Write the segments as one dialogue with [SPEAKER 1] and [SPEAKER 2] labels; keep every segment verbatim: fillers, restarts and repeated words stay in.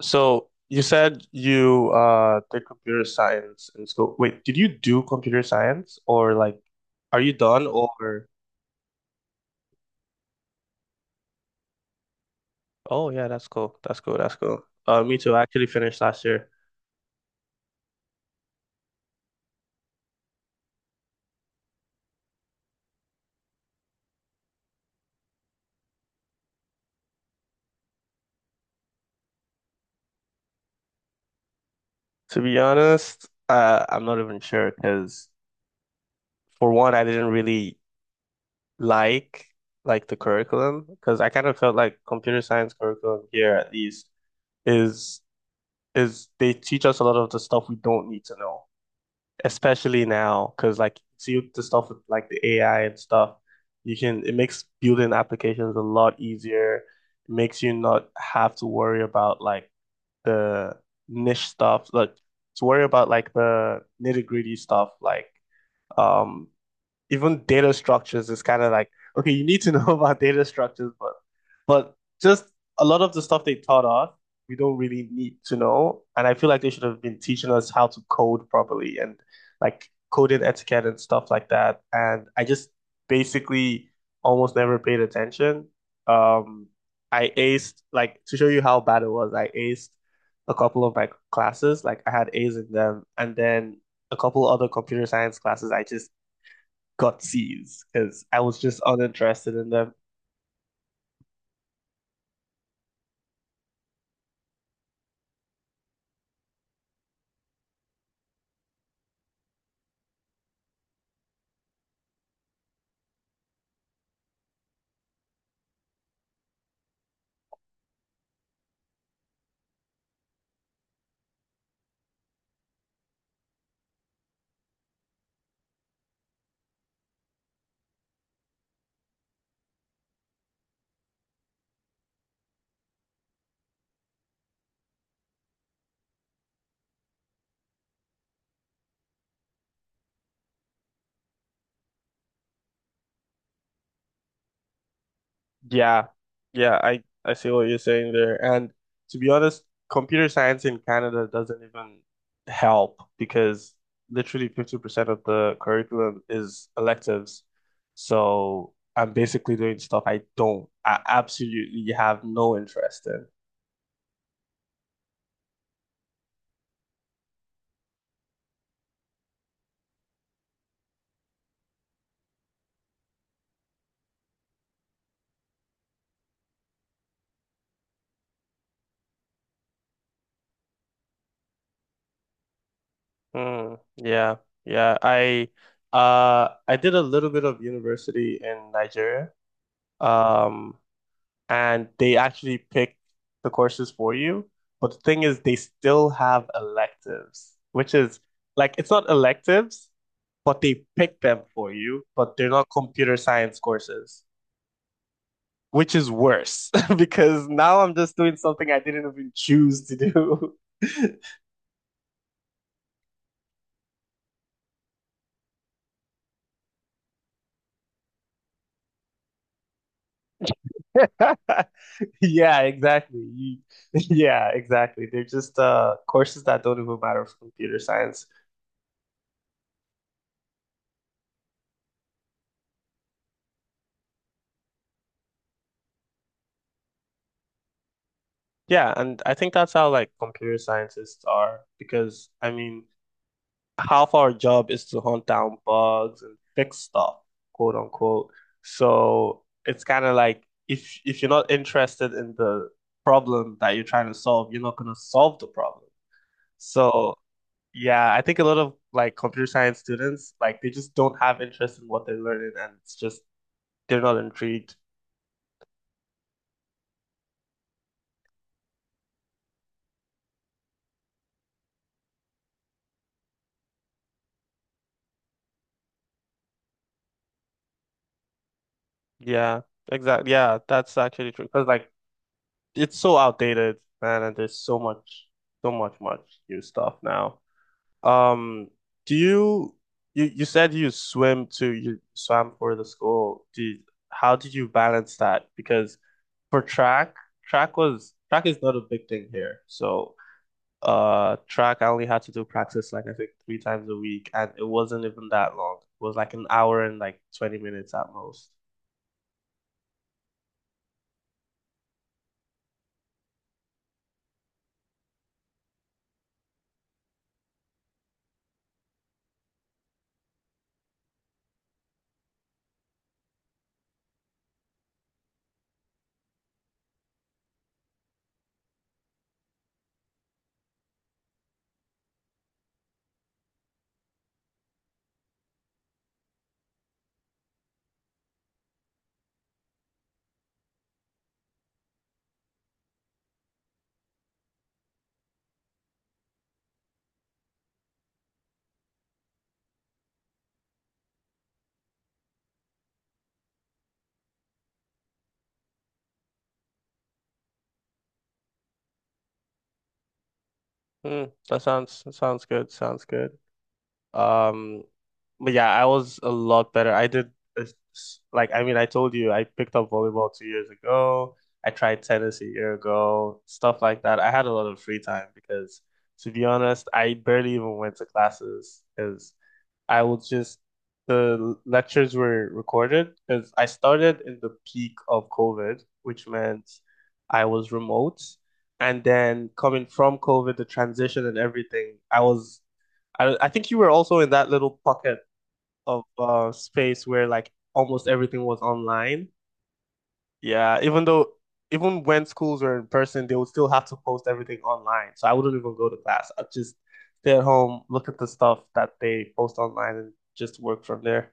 [SPEAKER 1] So you said you uh did computer science in school. Wait, did you do computer science or like are you done or oh yeah, that's cool. That's cool. That's cool. Uh me too. I actually finished last year. To be honest, uh I'm not even sure because for one, I didn't really like like the curriculum because I kind of felt like computer science curriculum here at least is is they teach us a lot of the stuff we don't need to know. Especially now, because like see the stuff with like the A I and stuff, you can it makes building applications a lot easier. It makes you not have to worry about like the niche stuff, like to worry about like the nitty-gritty stuff, like um even data structures is kind of like okay, you need to know about data structures, but but just a lot of the stuff they taught us, we don't really need to know. And I feel like they should have been teaching us how to code properly and like coding etiquette and stuff like that. And I just basically almost never paid attention. Um, I aced like to show you how bad it was. I aced a couple of my classes, like I had A's in them, and then a couple other computer science classes I just got C's because I was just uninterested in them. Yeah, yeah, I I see what you're saying there. And to be honest, computer science in Canada doesn't even help because literally fifty percent of the curriculum is electives. So I'm basically doing stuff I don't, I absolutely have no interest in. Mm, yeah, yeah. I uh I did a little bit of university in Nigeria. Um, and they actually pick the courses for you. But the thing is they still have electives, which is like it's not electives, but they pick them for you, but they're not computer science courses, which is worse because now I'm just doing something I didn't even choose to do. Yeah, exactly. You, yeah, exactly. They're just uh courses that don't even matter for computer science. Yeah, and I think that's how like computer scientists are because I mean, half our job is to hunt down bugs and fix stuff, quote unquote. So it's kind of like if if you're not interested in the problem that you're trying to solve, you're not gonna solve the problem. So yeah, I think a lot of like computer science students, like they just don't have interest in what they're learning and it's just they're not intrigued. Yeah, exactly. Yeah, that's actually true. Because like it's so outdated, man, and there's so much, so much, much new stuff now. Um, do you you you said you swim to you swam for the school. Do you, how did you balance that? Because for track, track was track is not a big thing here, so Uh, track, I only had to do practice like I think three times a week, and it wasn't even that long. It was like an hour and like twenty minutes at most. Hmm, that sounds that sounds good. Sounds good. Um, but yeah, I was a lot better. I did it's- like I mean, I told you I picked up volleyball two years ago. I tried tennis a year ago, stuff like that. I had a lot of free time because, to be honest, I barely even went to classes because I will just the lectures were recorded because I started in the peak of COVID, which meant I was remote. And then coming from COVID, the transition and everything, I was I, I think you were also in that little pocket of uh space where like almost everything was online. Yeah, even though even when schools were in person, they would still have to post everything online. So I wouldn't even go to class. I'd just stay at home, look at the stuff that they post online and just work from there.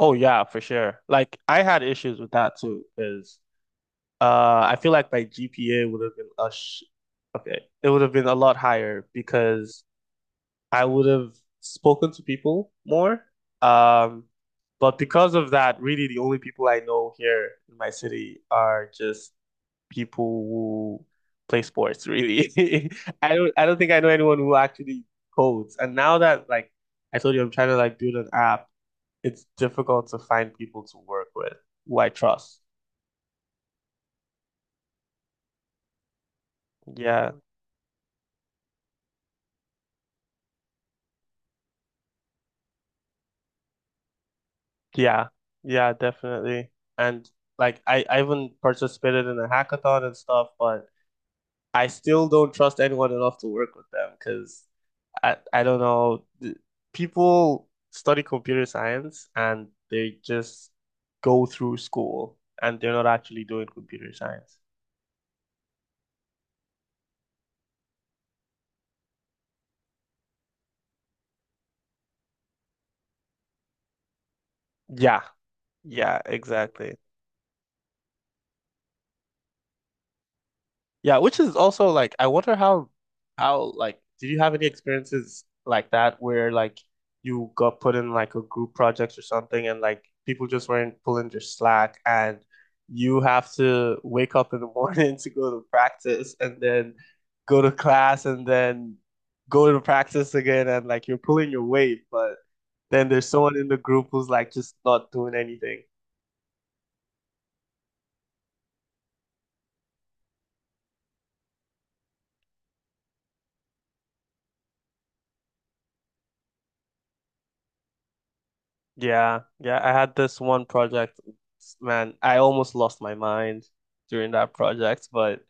[SPEAKER 1] Oh yeah, for sure. Like I had issues with that too, because uh I feel like my G P A would have been a sh okay, it would have been a lot higher because I would have spoken to people more. Um, but because of that, really the only people I know here in my city are just people who play sports, really. I don't I don't think I know anyone who actually codes. And now that like I told you I'm trying to like build an app, it's difficult to find people to work with who I trust. Yeah. Yeah. Yeah, definitely. And like I, I even participated in a hackathon and stuff, but I still don't trust anyone enough to work with them because I, I don't know. Th- People study computer science and they just go through school and they're not actually doing computer science. Yeah, yeah, exactly. Yeah, which is also like I wonder how how like did you have any experiences like that where like you got put in like a group project or something and like people just weren't pulling your slack and you have to wake up in the morning to go to practice and then go to class and then go to practice again and like you're pulling your weight, but then there's someone in the group who's like just not doing anything. Yeah, yeah, I had this one project. Man, I almost lost my mind during that project, but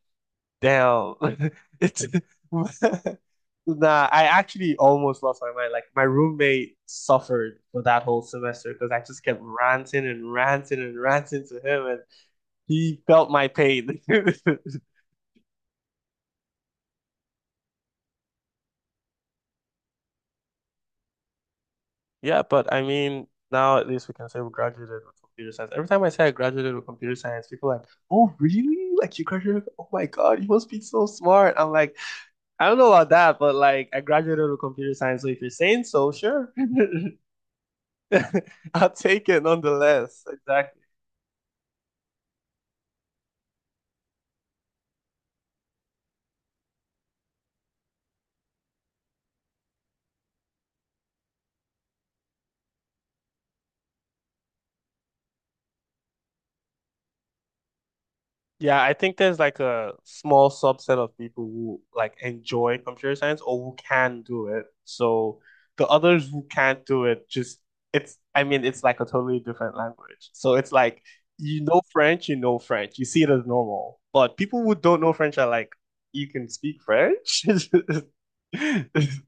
[SPEAKER 1] damn, it's nah, I actually almost lost my mind. Like my roommate suffered for that whole semester because I just kept ranting and ranting and ranting to him, and he felt my pain. Yeah, but I mean, now at least we can say we graduated with computer science. Every time I say I graduated with computer science, people are like, "Oh, really? Like you graduated? Oh my God, you must be so smart." I'm like, I don't know about that, but like I graduated with computer science, so if you're saying so, sure, I'll take it nonetheless. Exactly. Yeah, I think there's like a small subset of people who like enjoy computer science or who can do it. So the others who can't do it just it's I mean it's like a totally different language. So it's like you know French, you know French. You see it as normal. But people who don't know French are like, you can speak French?